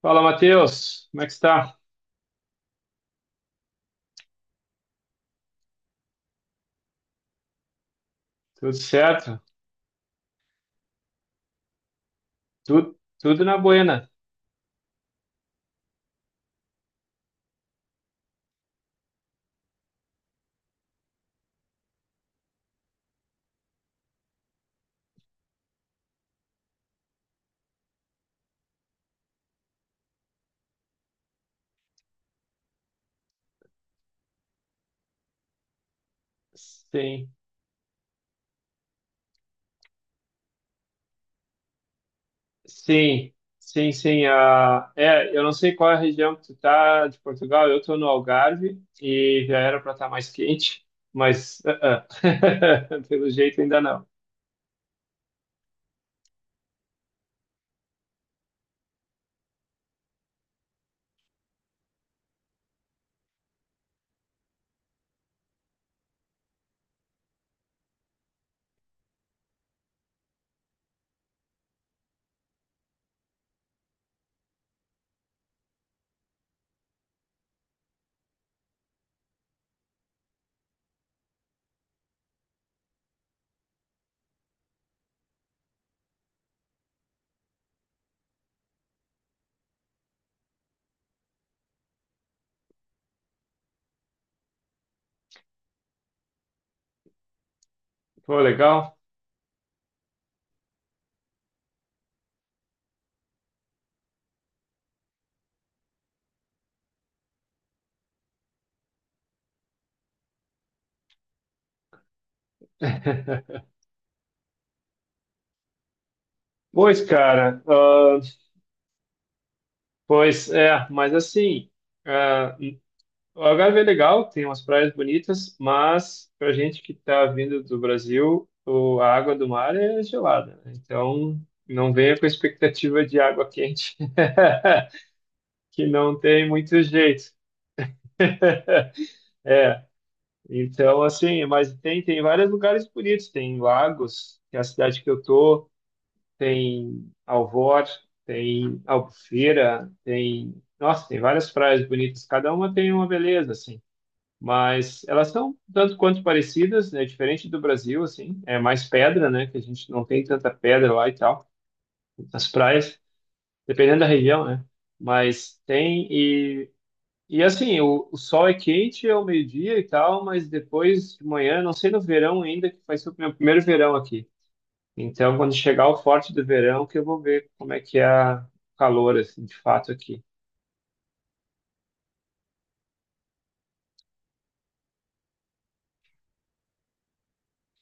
Fala, Matheus. Como é que está? Tudo certo? Tudo na buena. Sim, sim, sim, sim. Eu não sei qual é a região que tu tá de Portugal. Eu tô no Algarve e já era para estar mais quente, mas Pelo jeito ainda não. Pô, legal. Pois, cara, ah, pois é, mas assim, ah, o Algarve é legal, tem umas praias bonitas, mas pra gente que tá vindo do Brasil, o- a água do mar é gelada, né? Então não venha com expectativa de água quente, que não tem muito jeito. É, então assim, mas tem, vários lugares bonitos, tem Lagos, que é a cidade que eu tô, tem Alvor, tem Albufeira, tem, nossa, tem várias praias bonitas, cada uma tem uma beleza, assim. Mas elas são tanto quanto parecidas, né? Diferente do Brasil, assim, é mais pedra, né? Que a gente não tem tanta pedra lá e tal, nas praias, dependendo da região, né? Mas tem e assim, o sol é quente ao meio-dia e tal, mas depois de manhã, não sei no verão ainda, que vai ser o meu primeiro verão aqui. Então, quando chegar o forte do verão, que eu vou ver como é que é o calor, assim, de fato aqui.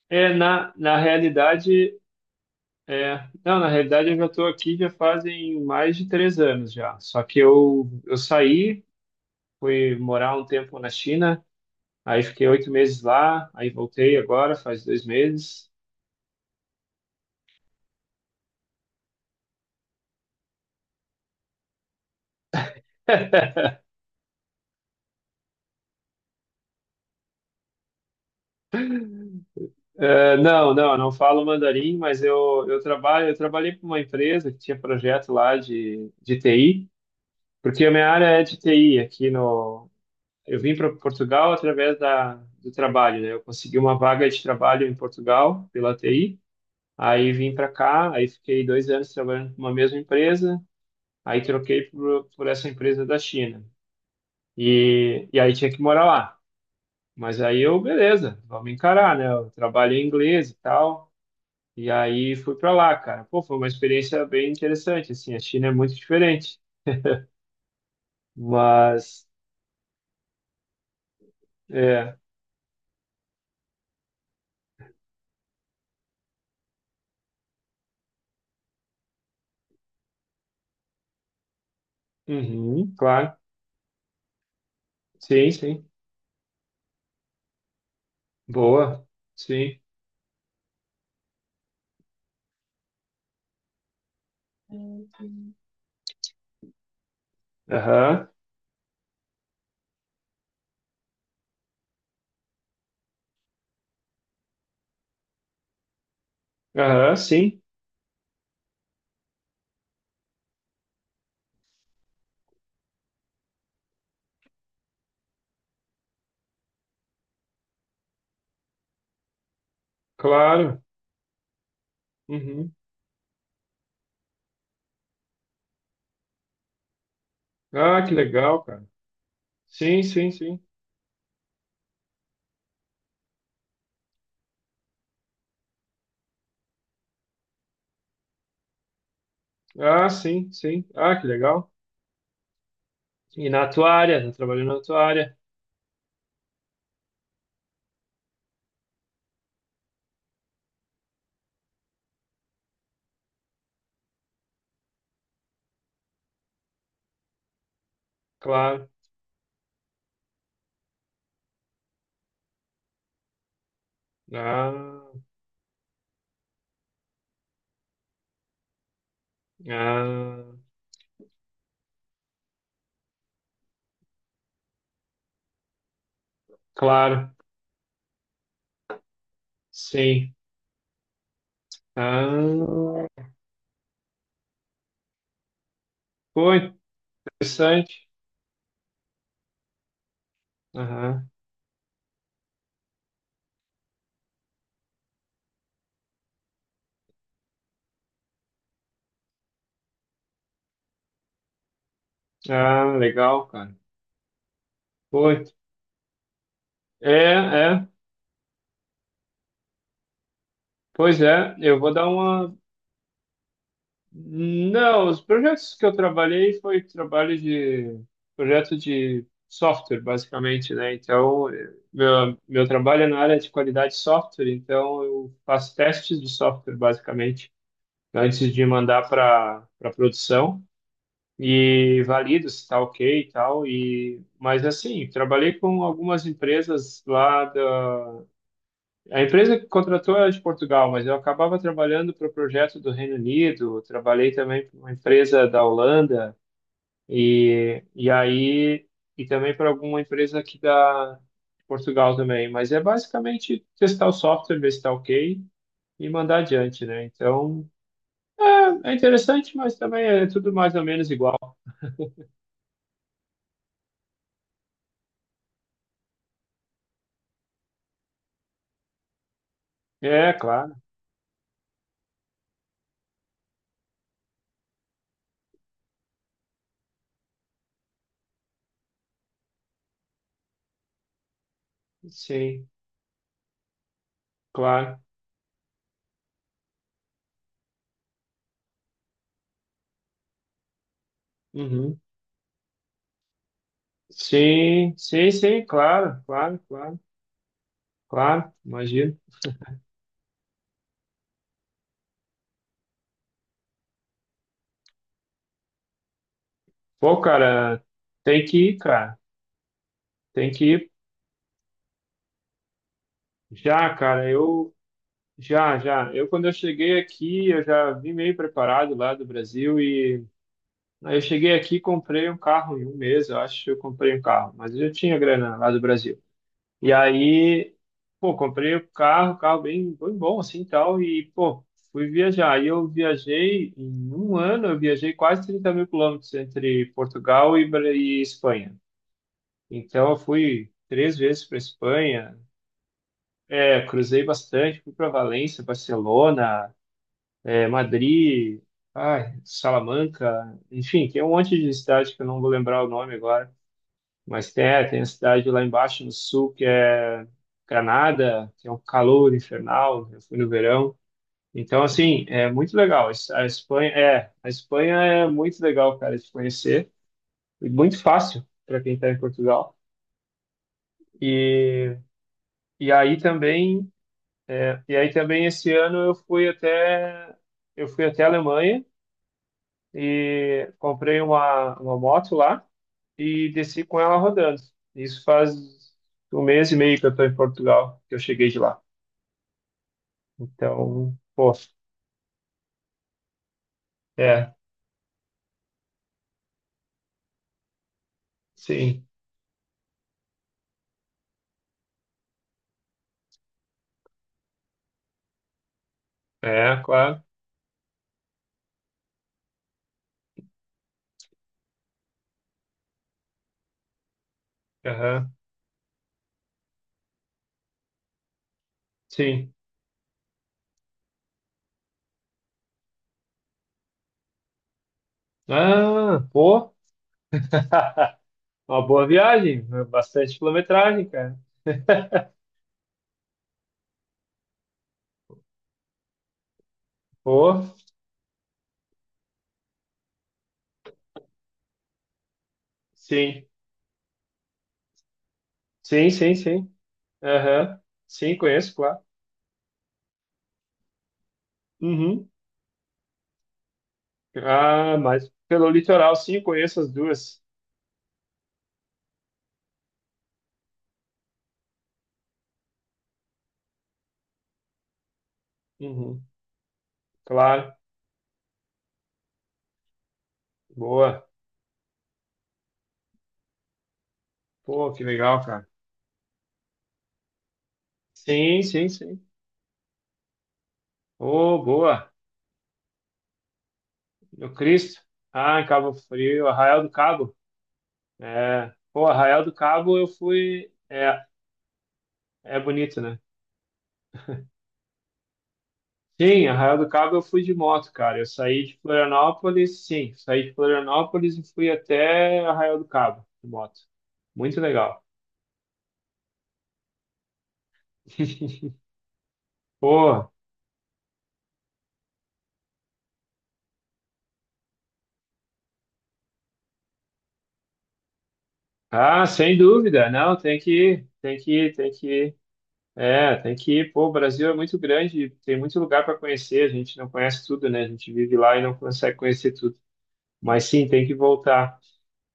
Na realidade, É, não, na realidade eu já estou aqui já fazem mais de 3 anos já. Só que eu saí, fui morar um tempo na China, aí fiquei 8 meses lá, aí voltei agora, faz 2 meses. Não, eu não falo mandarim, mas eu trabalhei para uma empresa que tinha projeto lá de TI, porque a minha área é de TI aqui no. Eu vim para Portugal através do trabalho, né? Eu consegui uma vaga de trabalho em Portugal pela TI. Aí vim para cá, aí fiquei 2 anos trabalhando numa mesma empresa, aí troquei por essa empresa da China. E aí tinha que morar lá. Mas aí eu, beleza, vamos encarar, né? Eu trabalho em inglês e tal. E aí fui para lá, cara. Pô, foi uma experiência bem interessante, assim. A China é muito diferente. Mas, é, uhum, claro. Sim, sim. Boa. Sim. Aham, aham, sim, claro. Uhum. Ah, que legal, cara. Sim, sim, sim. Ah, sim, sim. Ah, que legal. E na tua área, tá trabalhando na tua área, claro. Ah, ah, claro, sim. Ah, pô, interessante. Aham. Ah, legal, cara. Pô, é. Pois é, eu vou dar uma. Não, os projetos que eu trabalhei foi trabalho de projeto de software, basicamente, né? Então, meu trabalho é na área de qualidade de software, então eu faço testes de software, basicamente, antes de mandar para produção e valido se está ok e tal. E, mas assim, trabalhei com algumas empresas lá, a empresa que contratou era de Portugal, mas eu acabava trabalhando para o projeto do Reino Unido, trabalhei também para uma empresa da Holanda e, e aí e também para alguma empresa aqui da de Portugal também. Mas é basicamente testar o software, ver se está ok e mandar adiante, né? Então é interessante, mas também é tudo mais ou menos igual. É, claro, sim, claro. Uhum. Sim, sim, sim, claro, claro, claro, claro, imagino. Pô, cara, tem que ir, cara. Tem que ir já, cara. Eu já, já. Eu quando eu cheguei aqui, eu já vim meio preparado lá do Brasil e aí eu cheguei aqui, e comprei um carro em um mês, eu acho que eu comprei um carro, mas eu já tinha grana lá do Brasil. E aí, pô, comprei o carro, carro bem bom assim, e tal e pô, fui viajar. E eu viajei em um ano, eu viajei quase 30.000 quilômetros entre Portugal e, Bra- e Espanha. Então, eu fui 3 vezes para Espanha, é, cruzei bastante, fui para Valência, Barcelona, é, Madrid, ai, Salamanca, enfim, tem um monte de cidade que eu não vou lembrar o nome agora, mas tem, é, tem a cidade lá embaixo no sul que é Granada, que é um calor infernal, eu fui no verão. Então, assim, é muito legal. A Espanha é muito legal, cara, de conhecer e muito fácil para quem está em Portugal. E, e aí também E aí também esse ano eu fui até a Alemanha e comprei uma moto lá e desci com ela rodando. Isso faz um mês e meio que eu estou em Portugal, que eu cheguei de lá. Então, pô, é, sim, é, claro, aham, sim. Ah, pô, uma boa viagem, bastante quilometragem, cara. Pô, sim, sim, sim, sim, aham, sim, conheço, claro. Uhum. Ah, mas pelo litoral, sim, conheço as duas. Uhum, claro, boa. Pô, que legal, cara. Sim, sim, sim. Oh, boa. No Cristo. Ah, em Cabo Frio, Arraial do Cabo. É. Pô, Arraial do Cabo eu fui. É, é bonito, né? Sim, Arraial do Cabo eu fui de moto, cara. Eu saí de Florianópolis, sim, saí de Florianópolis e fui até Arraial do Cabo de moto. Muito legal. Pô. Ah, sem dúvida, não, tem que ir, tem que ir, tem que ir. É, tem que ir. Pô, o Brasil é muito grande, tem muito lugar para conhecer, a gente não conhece tudo, né? A gente vive lá e não consegue conhecer tudo. Mas sim, tem que voltar.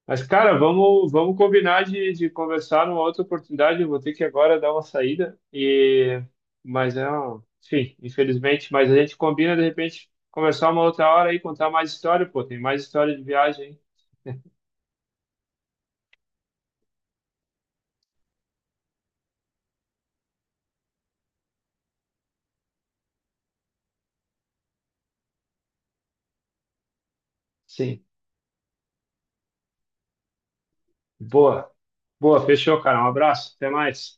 Mas, cara, vamos, vamos combinar de conversar numa outra oportunidade. Eu vou ter que agora dar uma saída. E... Mas é, um- enfim, infelizmente, mas a gente combina de repente conversar uma outra hora e contar mais história, pô, tem mais história de viagem, hein? Sim. Boa, boa, fechou, cara. Um abraço, até mais.